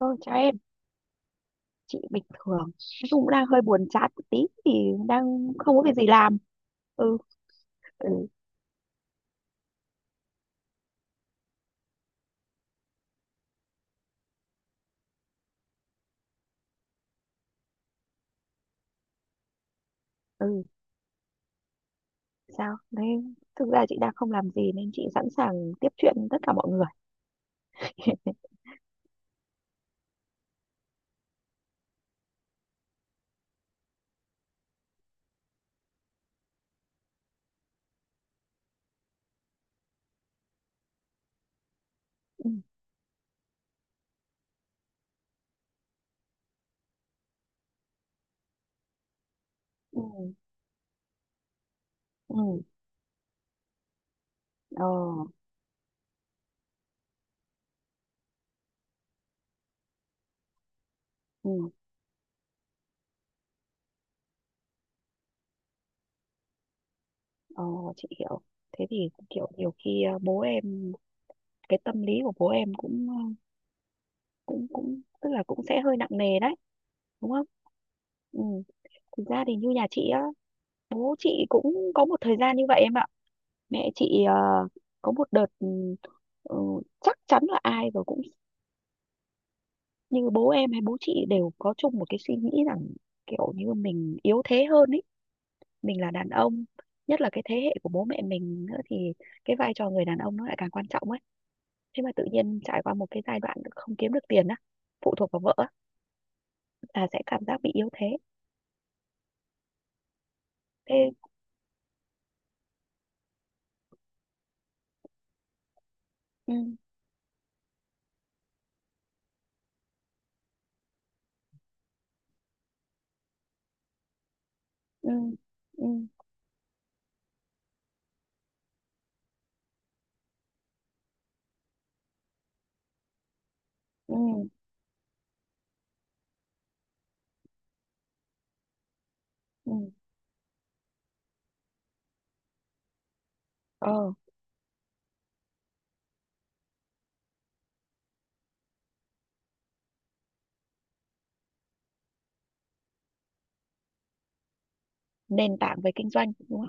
Thôi chào em, chị bình thường. Nói chung cũng đang hơi buồn chán một tí thì đang không có việc gì làm. Ừ, ừ, ừ, sao? Nên thực ra chị đang không làm gì nên chị sẵn sàng tiếp chuyện với tất cả mọi người. Ừ, ừ, ừ, ờ, ừ, ờ, chị hiểu. Thế thì kiểu nhiều khi bố em, cái tâm lý của bố em cũng cũng cũng tức là cũng sẽ hơi nặng nề đấy, đúng không? Ừ. Thực ra thì như nhà chị á, bố chị cũng có một thời gian như vậy em ạ. Mẹ chị có một đợt ừ, chắc chắn là ai rồi cũng như bố em hay bố chị đều có chung một cái suy nghĩ rằng kiểu như mình yếu thế hơn ấy, mình là đàn ông, nhất là cái thế hệ của bố mẹ mình nữa thì cái vai trò người đàn ông nó lại càng quan trọng ấy. Thế mà tự nhiên trải qua một cái giai đoạn không kiếm được tiền á, phụ thuộc vào vợ á, là sẽ cảm giác bị yếu thế. Thế ừ, ừ, ừ, ừ, ừ. Ờ nền tảng về kinh doanh đúng không,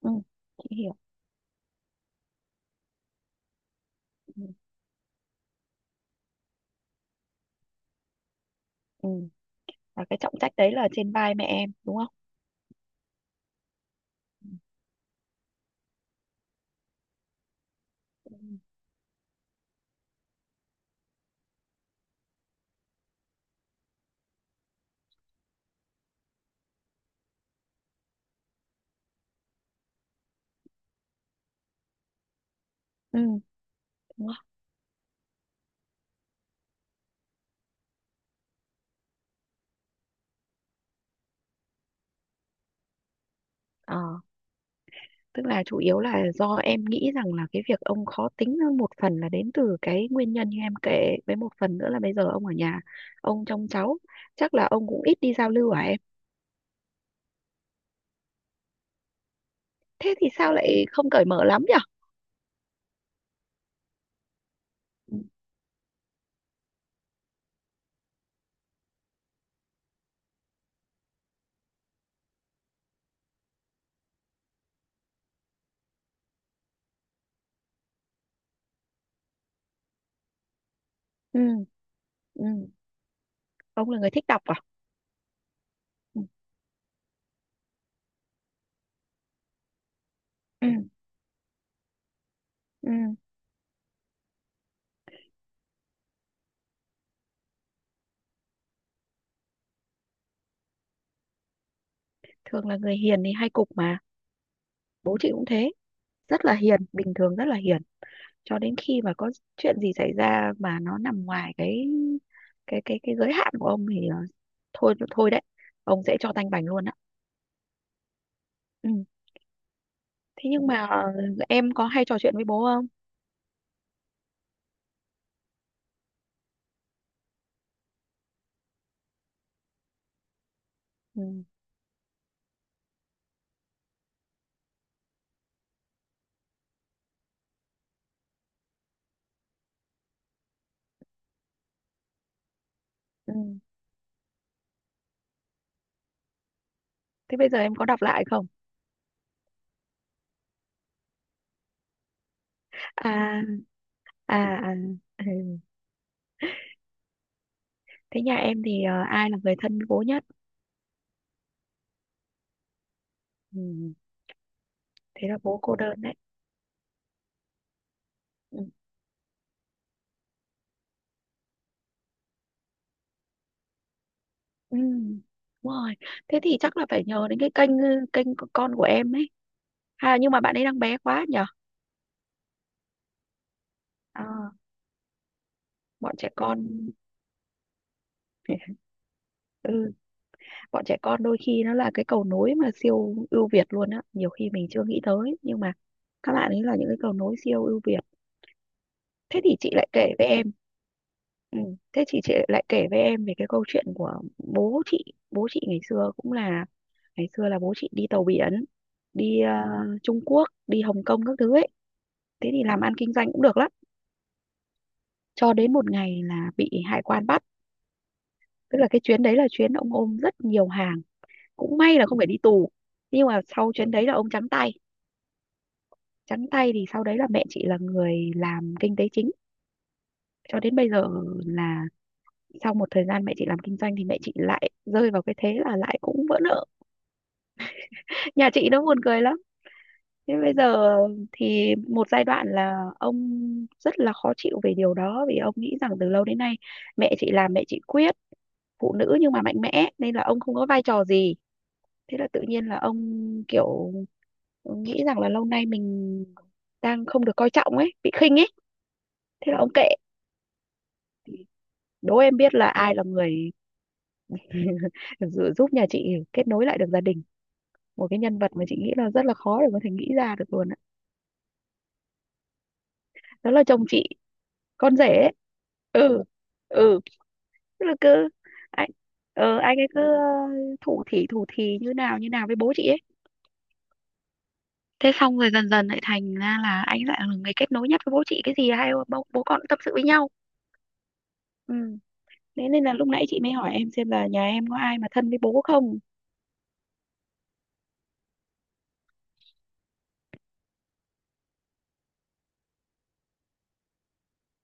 ừ, chị hiểu. Ừ, ừ. Và cái trọng trách đấy là trên vai mẹ em đúng không. Ừ. ừ. Đúng không ờ tức là chủ yếu là do em nghĩ rằng là cái việc ông khó tính hơn một phần là đến từ cái nguyên nhân như em kể với, một phần nữa là bây giờ ông ở nhà, ông trông cháu, chắc là ông cũng ít đi giao lưu à em. Thế thì sao lại không cởi mở lắm nhỉ. Ừ. ừ. ừ. Ông là người thích đọc à. ừ. ừ. ừ. Thường là người hiền thì hay cục mà, bố chị cũng thế, rất là hiền, bình thường rất là hiền, cho đến khi mà có chuyện gì xảy ra mà nó nằm ngoài cái giới hạn của ông thì thôi thôi đấy, ông sẽ cho tanh bành luôn á. Ừ. Thế nhưng mà em có hay trò chuyện với bố không. Ừ. Ừ. Thế bây giờ em có đọc lại không. À, à, à, ừ. Thế nhà em thì ai là người thân bố nhất. Ừ. Thế là bố cô đơn đấy. Ừ. Ừ. Đúng rồi, thế thì chắc là phải nhờ đến cái kênh, kênh của con của em ấy. À nhưng mà bạn ấy đang bé quá nhở. À, bọn trẻ con. Ừ, bọn trẻ con đôi khi nó là cái cầu nối mà siêu ưu việt luôn á, nhiều khi mình chưa nghĩ tới nhưng mà các bạn ấy là những cái cầu nối siêu ưu việt. Thế thì chị lại kể với em, ừ, thế chị lại kể với em về cái câu chuyện của bố chị. Bố chị ngày xưa cũng là, ngày xưa là bố chị đi tàu biển, đi Trung Quốc, đi Hồng Kông các thứ ấy. Thế thì làm ăn kinh doanh cũng được lắm. Cho đến một ngày là bị hải quan bắt, tức là cái chuyến đấy là chuyến ông ôm rất nhiều hàng, cũng may là không phải đi tù nhưng mà sau chuyến đấy là ông trắng tay. Trắng tay thì sau đấy là mẹ chị là người làm kinh tế chính cho đến bây giờ. Là sau một thời gian mẹ chị làm kinh doanh thì mẹ chị lại rơi vào cái thế là lại cũng vỡ nợ. Nhà chị nó buồn cười lắm. Thế bây giờ thì một giai đoạn là ông rất là khó chịu về điều đó, vì ông nghĩ rằng từ lâu đến nay mẹ chị làm, mẹ chị quyết, phụ nữ nhưng mà mạnh mẽ nên là ông không có vai trò gì. Thế là tự nhiên là ông kiểu nghĩ rằng là lâu nay mình đang không được coi trọng ấy, bị khinh ấy. Thế là ông kệ. Đố em biết là ai là người giúp nhà chị kết nối lại được gia đình, một cái nhân vật mà chị nghĩ là rất là khó để có thể nghĩ ra được luôn á. Đó là chồng chị, con rể ấy. ừ. ừ. Tức là cứ anh anh ấy cứ thủ thỉ như nào với bố chị ấy. Thế xong rồi dần dần lại thành ra là anh lại là người kết nối nhất với bố chị, cái gì hai bố con cũng tâm sự với nhau. Ừ, thế nên là lúc nãy chị mới hỏi em xem là nhà em có ai mà thân với bố không.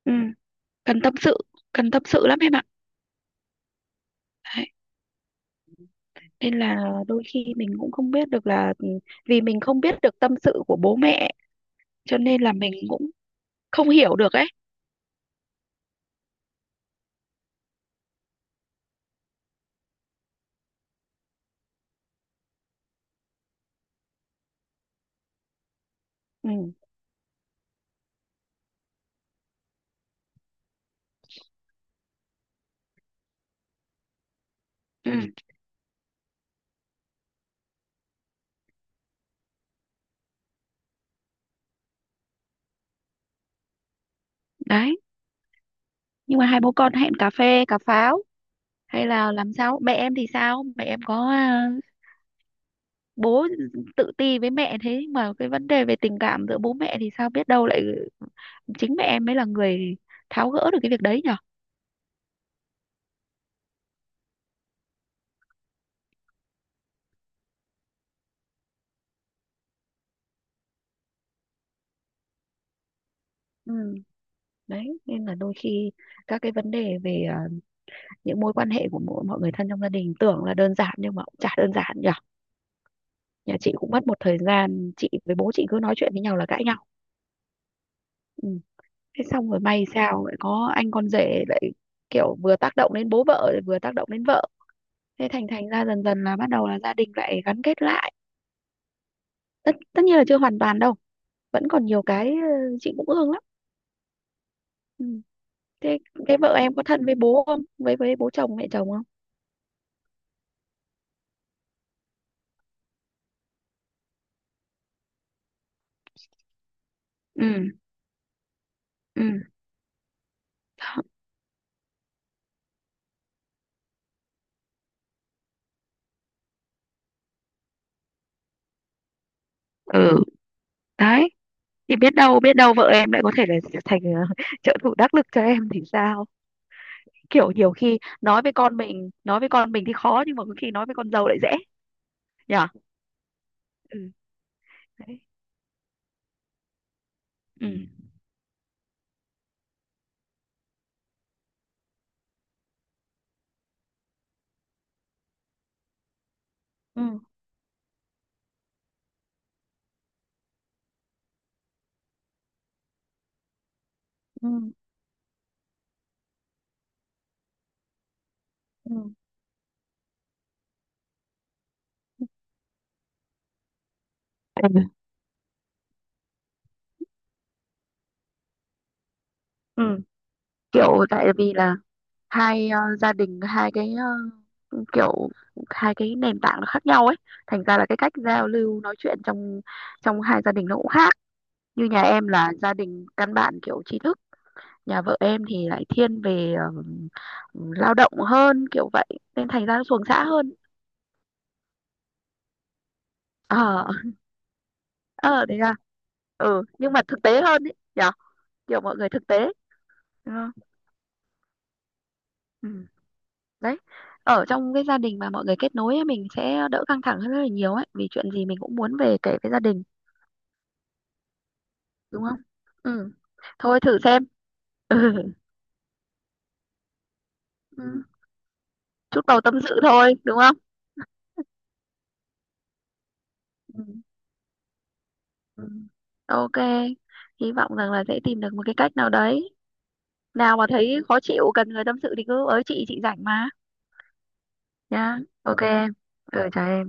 Ừ. Cần tâm sự, cần tâm sự lắm em ạ. Đấy. Nên là đôi khi mình cũng không biết được là vì mình không biết được tâm sự của bố mẹ cho nên là mình cũng không hiểu được ấy. Ừ. Ừ. Đấy nhưng mà hai bố con hẹn cà phê cà pháo hay là làm sao, mẹ em thì sao, mẹ em có à, bố tự ti với mẹ thế mà cái vấn đề về tình cảm giữa bố mẹ thì sao, biết đâu lại chính mẹ em mới là người tháo gỡ được cái việc đấy nhở. Ừ, đấy nên là đôi khi các cái vấn đề về những mối quan hệ của mỗi mọi người thân trong gia đình tưởng là đơn giản nhưng mà cũng chả đơn giản nhở. Nhà chị cũng mất một thời gian chị với bố chị cứ nói chuyện với nhau là cãi nhau. Ừ. Thế xong rồi may sao lại có anh con rể, lại kiểu vừa tác động đến bố vợ lại vừa tác động đến vợ, thế thành thành ra dần dần là bắt đầu là gia đình lại gắn kết lại. Tất tất nhiên là chưa hoàn toàn đâu, vẫn còn nhiều cái chị cũng ương lắm. Ừ. Thế cái vợ em có thân với bố không, với bố chồng mẹ chồng không. ừ. ừ. ừ. Đấy thì biết đâu vợ em lại có thể là thành trợ thủ đắc lực cho em thì sao, kiểu nhiều khi nói với con mình, nói với con mình thì khó nhưng mà có khi nói với con dâu lại dễ. Nhở. Ừ. Đấy. ừ. ừ. ừ. ừ. Ừ. Ừ kiểu tại vì là, hai gia đình hai cái kiểu hai cái nền tảng nó khác nhau ấy, thành ra là cái cách giao lưu nói chuyện trong trong hai gia đình nó cũng khác. Như nhà em là gia đình căn bản kiểu trí thức, nhà vợ em thì lại thiên về lao động hơn, kiểu vậy, nên thành ra nó xuồng xã hơn. Ờ. Ờ đấy à. Ừ nhưng mà thực tế hơn ấy nhở, kiểu mọi người thực tế, đúng không? Ừ. Đấy, ở trong cái gia đình mà mọi người kết nối ấy, mình sẽ đỡ căng thẳng hơn rất là nhiều ấy, vì chuyện gì mình cũng muốn về kể với gia đình, đúng không. Ừ, thôi thử xem. Ừ. Ừ. Chút bầu tâm sự thôi đúng không. Ừ. Ừ. Ok, hy vọng rằng là sẽ tìm được một cái cách nào đấy. Nào mà thấy khó chịu cần người tâm sự thì cứ ới chị rảnh mà. Nhá, ok em, ừ trời.